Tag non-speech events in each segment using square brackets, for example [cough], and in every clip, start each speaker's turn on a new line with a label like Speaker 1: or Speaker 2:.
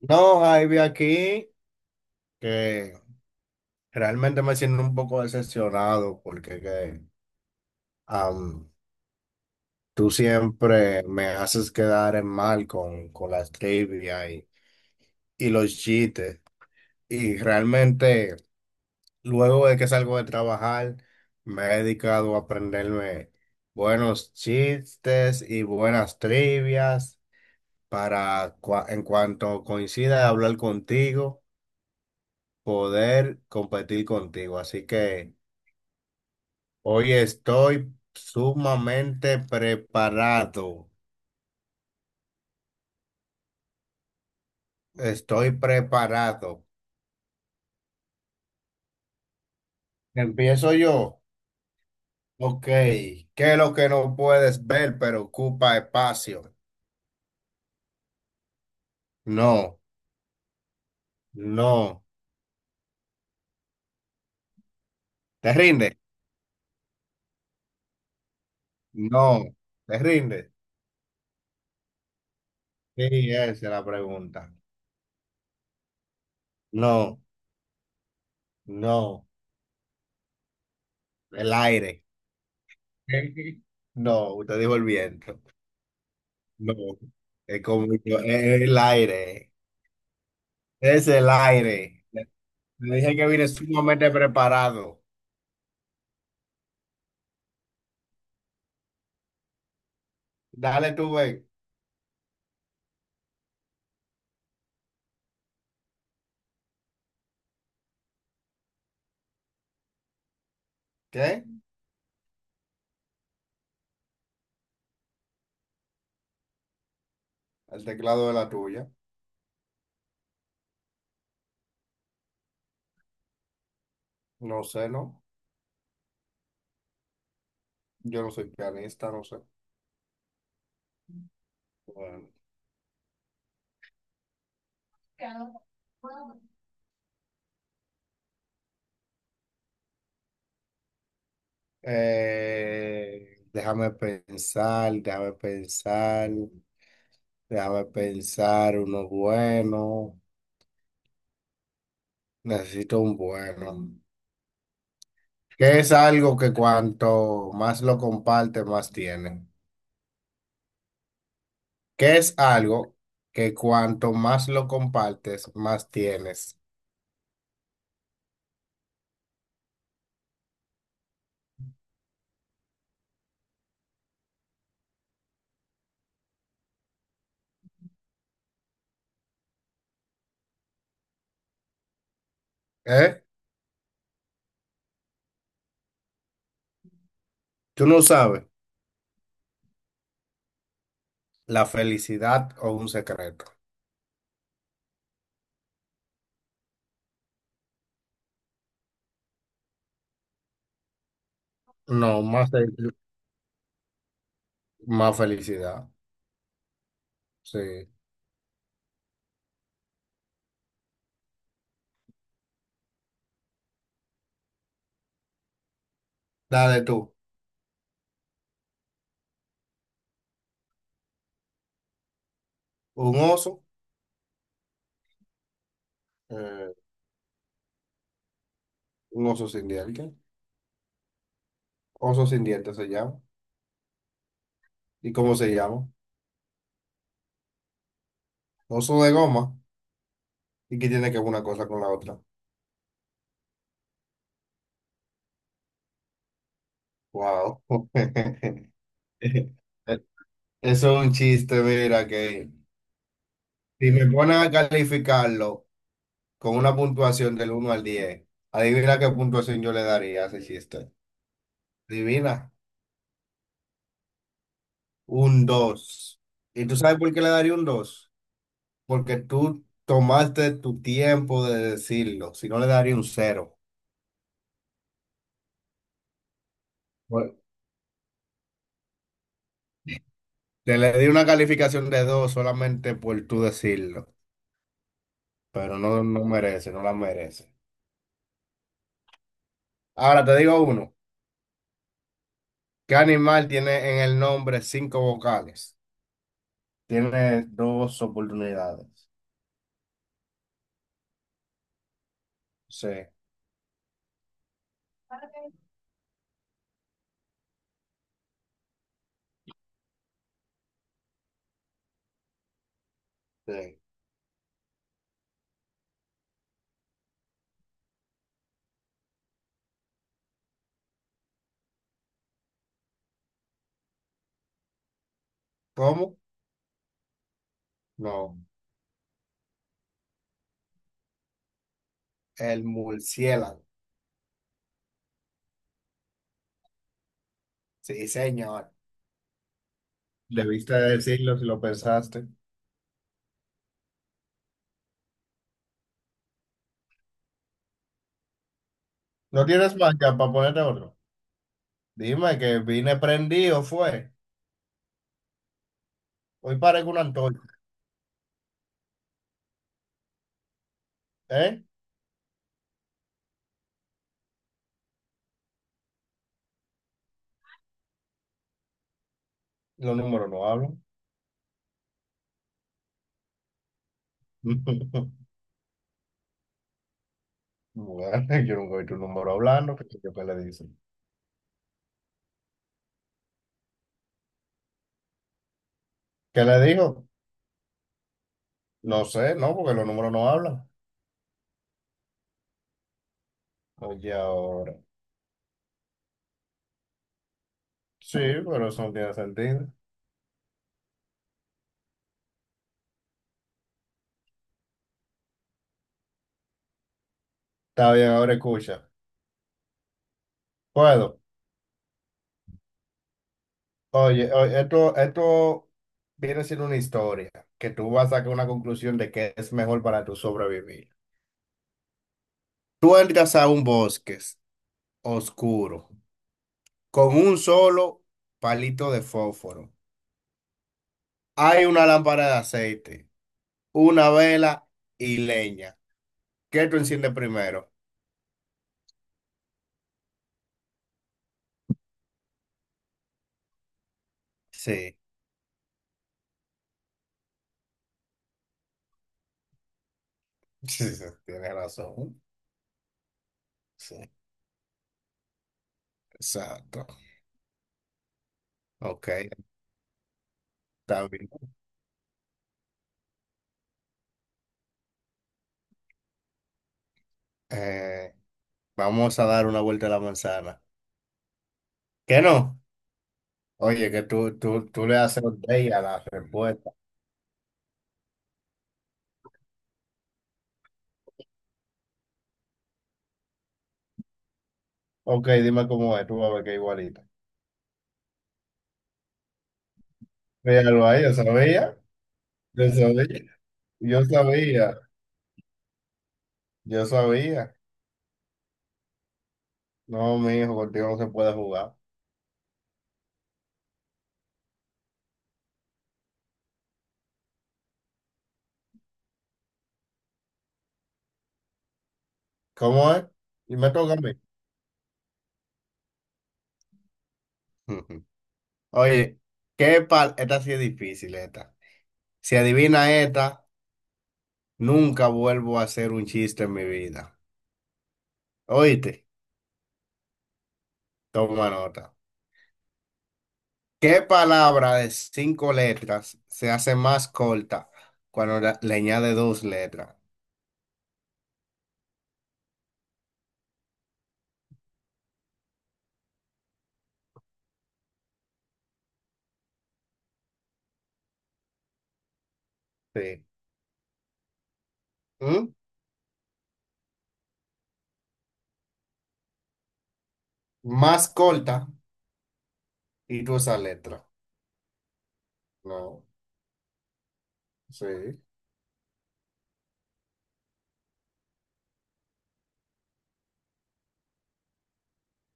Speaker 1: No, Javi, aquí que realmente me siento un poco decepcionado porque am, tú siempre me haces quedar en mal con las trivia y los chistes. Y realmente, luego de que salgo de trabajar, me he dedicado a aprenderme buenos chistes y buenas trivias para, en cuanto coincida hablar contigo, poder competir contigo. Así que. Hoy estoy sumamente preparado. Estoy preparado. Empiezo yo. Ok. ¿Qué es lo que no puedes ver, pero ocupa espacio? No, no. ¿Te rinde? No. ¿Te rinde? Sí, esa es la pregunta. No, no. El aire. [laughs] No, usted dijo el viento. No. Es como yo- es el aire. Es el aire. Le dije que vine sumamente preparado. Dale tú, ve. ¿Qué? El teclado de la tuya. No sé, ¿no? Yo no soy pianista, no sé. Bueno. Déjame pensar, déjame pensar, déjame pensar uno bueno. Necesito un bueno. ¿Qué es algo que cuanto más lo comparte, más tiene? ¿Qué es algo que cuanto más lo compartes, más tienes? ¿Eh? Tú no sabes la felicidad o un secreto. No, más, fe- más felicidad. Sí. Dale tú. Un oso. Eh, un oso sin dientes. Oso sin dientes se llama. ¿Y cómo se llama? Oso de goma. ¿Y qué tiene que ver una cosa con la otra? Wow. [laughs] Eso es un chiste, mira, que si me ponen a calificarlo con una puntuación del uno al diez, adivina qué puntuación yo le daría a ese chiste. Divina. Un dos. ¿Y tú sabes por qué le daría un dos? Porque tú tomaste tu tiempo de decirlo. Si no, le daría un cero. Bueno, te le di una calificación de 2 solamente por tú decirlo. Pero no, no merece, no la merece. Ahora te digo uno. ¿Qué animal tiene en el nombre cinco vocales? Tiene dos oportunidades. Sí, sí. ¿Cómo? No. El murciélago. Sí, señor. Debiste decirlo si lo pensaste. No tienes marca para ponerte otro. Dime que vine prendido, fue. Hoy parezco una antorcha, ¿eh? Los números no hablan. [laughs] Bueno, yo nunca oí tu número hablando. ¿Qué, qué- qué le dicen? ¿Qué le dijo? No sé, no, porque los números no hablan. Oye, ahora. Sí, pero eso no tiene sentido. Está bien, ahora escucha. Puedo. Oye, oye, esto viene siendo una historia que tú vas a sacar una conclusión de que es mejor para tu sobrevivir. Tú entras a un bosque oscuro con un solo palito de fósforo. Hay una lámpara de aceite, una vela y leña. ¿Qué tú enciendes primero? Sí, [laughs] sí, sí, tienes razón. Sí, exacto. Ok, está bien. Eh, vamos a dar una vuelta a la manzana. ¿Qué no? Oye, que tú le haces update a la respuesta. Ok, dime cómo es, tú vas a ver que es igualita. Míralo ahí, yo sabía, yo sabía, yo sabía, yo sabía. No, mi hijo, contigo no se puede jugar. ¿Cómo es? Y me toca a mí. [laughs] Ujú. Oye, ¿qué pal? Esta sí es difícil, esta. Si adivina esta, nunca vuelvo a hacer un chiste en mi vida. Oíste, toma nota. ¿Qué palabra de cinco letras se hace más corta cuando la- le añade dos letras? Sí. ¿Mm? Más corta y tú esa letra. No, sí.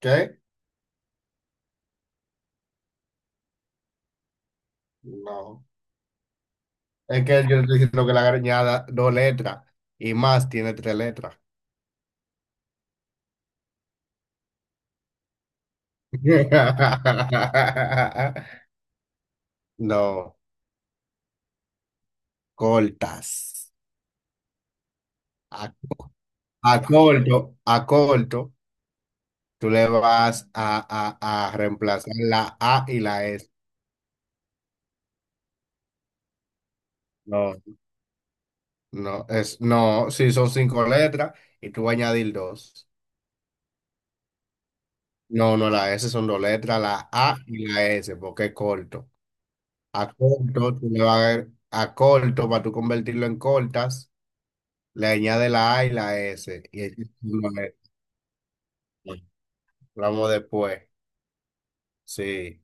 Speaker 1: ¿Qué? No. Es que yo estoy diciendo que la grañada dos letras y más tiene tres letras. [laughs] No, cortas. A, a corto, tú le vas a reemplazar la A y la S. No, no, es, no, si son cinco letras y tú vas a añadir dos. No, no, la S son dos letras, la A y la S, porque es corto. A corto, tú le vas a corto para tú convertirlo en cortas. Le añade la A y la S. Y es- hablamos después. Sí.